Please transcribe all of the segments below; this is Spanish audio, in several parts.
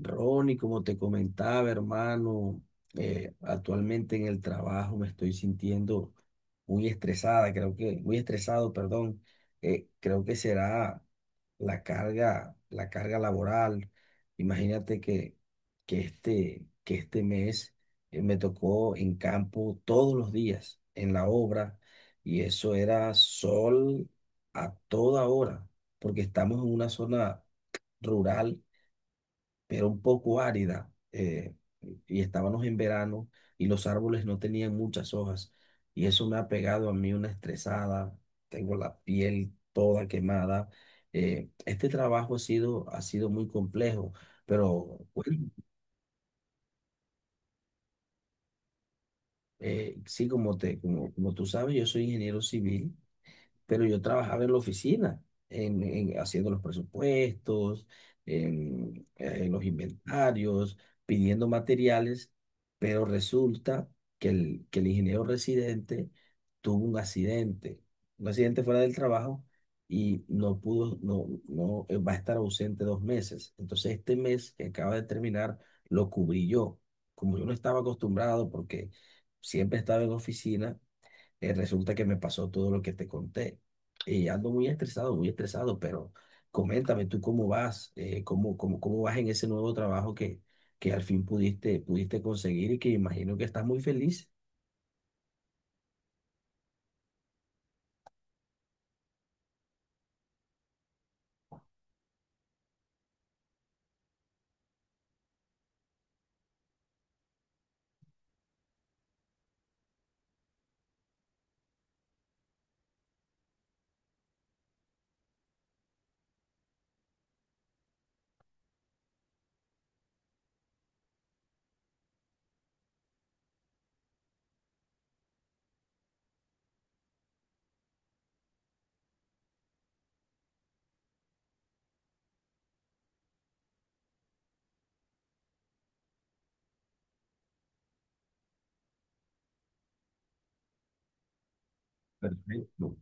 Ronnie, como te comentaba, hermano, actualmente en el trabajo me estoy sintiendo muy estresada, muy estresado, perdón. Creo que será la carga laboral. Imagínate que, que este mes me tocó en campo todos los días, en la obra, y eso era sol a toda hora, porque estamos en una zona rural pero un poco árida, y estábamos en verano y los árboles no tenían muchas hojas, y eso me ha pegado a mí una estresada, tengo la piel toda quemada. Este trabajo ha sido muy complejo, pero bueno, sí, como tú sabes, yo soy ingeniero civil pero yo trabajaba en la oficina, haciendo los presupuestos, en los inventarios, pidiendo materiales, pero resulta que el ingeniero residente tuvo un accidente fuera del trabajo y no pudo, no, no, va a estar ausente 2 meses. Entonces este mes que acaba de terminar lo cubrí yo, como yo no estaba acostumbrado porque siempre estaba en oficina resulta que me pasó todo lo que te conté. Y ando muy estresado, pero coméntame tú cómo vas, cómo vas en ese nuevo trabajo que al fin pudiste conseguir y que imagino que estás muy feliz. Perfecto.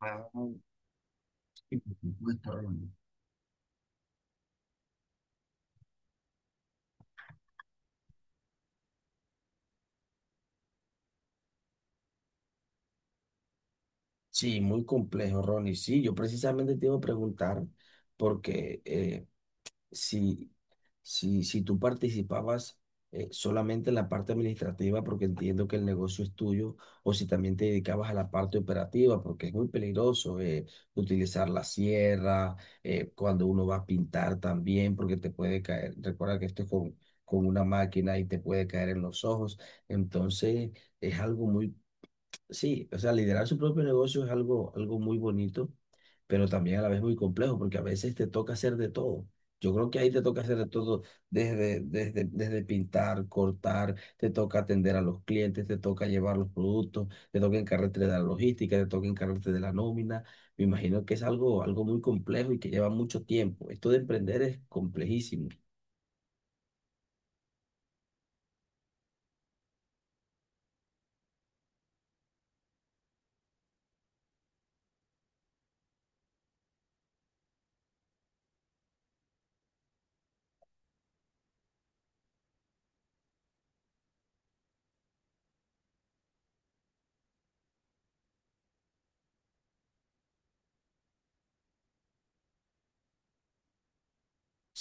Ah, y por supuesto, Ronnie. Sí, muy complejo, Ronnie. Sí, yo precisamente te iba a preguntar porque si, si tú participabas solamente en la parte administrativa, porque entiendo que el negocio es tuyo, o si también te dedicabas a la parte operativa, porque es muy peligroso utilizar la sierra, cuando uno va a pintar también, porque te puede caer, recuerda que esto es con una máquina y te puede caer en los ojos, entonces es algo muy. Sí, o sea, liderar su propio negocio es algo, algo muy bonito, pero también a la vez muy complejo, porque a veces te toca hacer de todo. Yo creo que ahí te toca hacer de todo, desde pintar, cortar, te toca atender a los clientes, te toca llevar los productos, te toca encargarte de la logística, te toca encargarte de la nómina. Me imagino que es algo, algo muy complejo y que lleva mucho tiempo. Esto de emprender es complejísimo.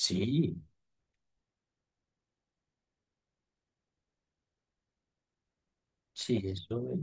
Sí, sí, eso.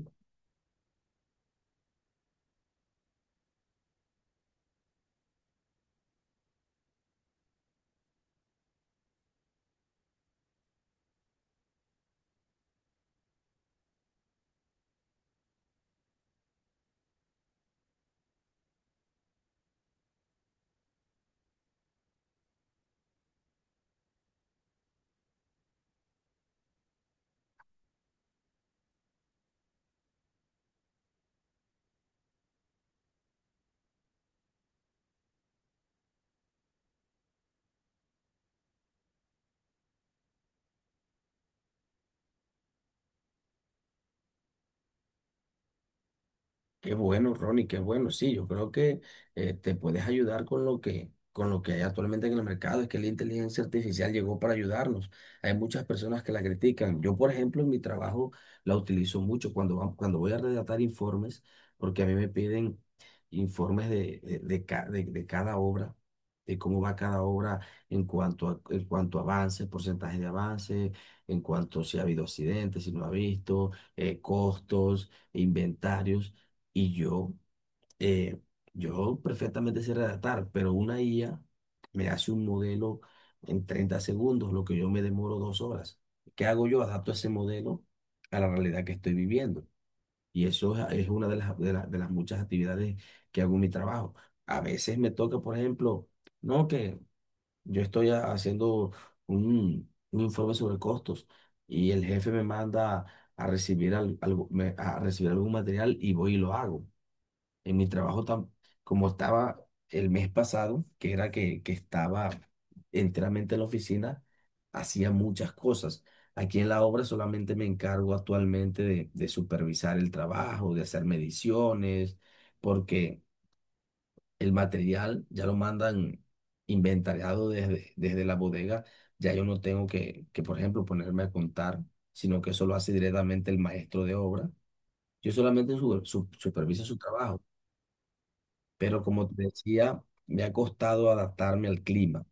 Qué bueno, Ronnie, qué bueno. Sí, yo creo que te puedes ayudar con lo con lo que hay actualmente en el mercado. Es que la inteligencia artificial llegó para ayudarnos. Hay muchas personas que la critican. Yo, por ejemplo, en mi trabajo la utilizo mucho cuando voy a redactar informes, porque a mí me piden informes de cada obra, de cómo va cada obra en cuanto a avance, porcentaje de avance, en cuanto si ha habido accidentes, si no ha visto, costos, inventarios. Y yo, eh, yo perfectamente sé redactar, pero una IA me hace un modelo en 30 segundos, lo que yo me demoro 2 horas. ¿Qué hago yo? Adapto ese modelo a la realidad que estoy viviendo. Y eso es una de las, de las muchas actividades que hago en mi trabajo. A veces me toca, por ejemplo, no que yo estoy haciendo un informe sobre costos y el jefe me manda a recibir, a recibir algún material y voy y lo hago en mi trabajo, como estaba el mes pasado, que era que estaba enteramente en la oficina, hacía muchas cosas. Aquí en la obra solamente me encargo actualmente de supervisar el trabajo, de hacer mediciones, porque el material ya lo mandan inventariado desde la bodega. Ya yo no tengo por ejemplo, ponerme a contar, sino que eso lo hace directamente el maestro de obra. Yo solamente superviso su trabajo, pero como te decía, me ha costado adaptarme al clima.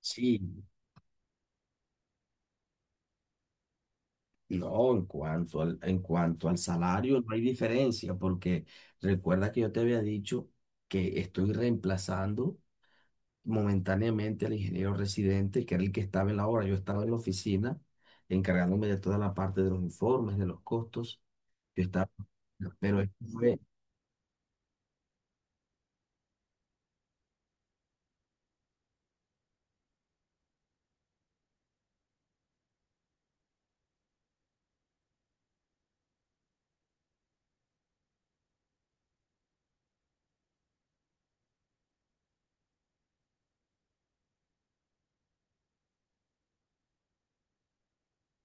Sí, no, en cuanto al salario no hay diferencia, porque recuerda que yo te había dicho que estoy reemplazando momentáneamente al ingeniero residente, que era el que estaba en la obra. Yo estaba en la oficina encargándome de toda la parte de los informes, de los costos. Yo estaba, pero esto fue.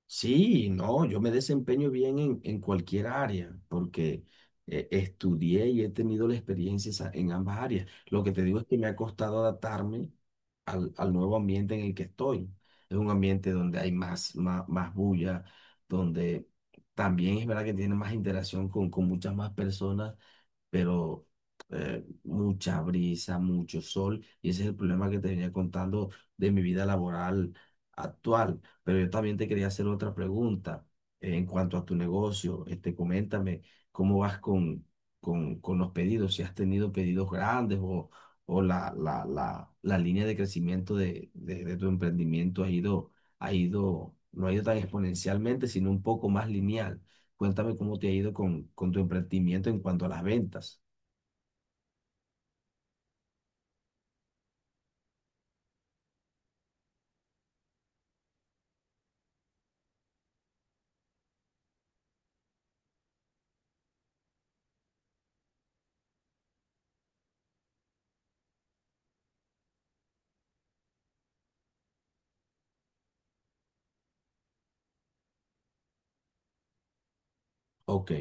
Sí, no, yo me desempeño bien en cualquier área porque estudié y he tenido la experiencia en ambas áreas. Lo que te digo es que me ha costado adaptarme al nuevo ambiente en el que estoy. Es un ambiente donde hay más bulla, donde también es verdad que tiene más interacción con muchas más personas, pero mucha brisa, mucho sol, y ese es el problema que te venía contando de mi vida laboral actual. Pero yo también te quería hacer otra pregunta en cuanto a tu negocio. Este, coméntame cómo vas con los pedidos, si has tenido pedidos grandes o la línea de crecimiento de tu emprendimiento ha ido, no ha ido tan exponencialmente, sino un poco más lineal. Cuéntame cómo te ha ido con tu emprendimiento en cuanto a las ventas. Ok.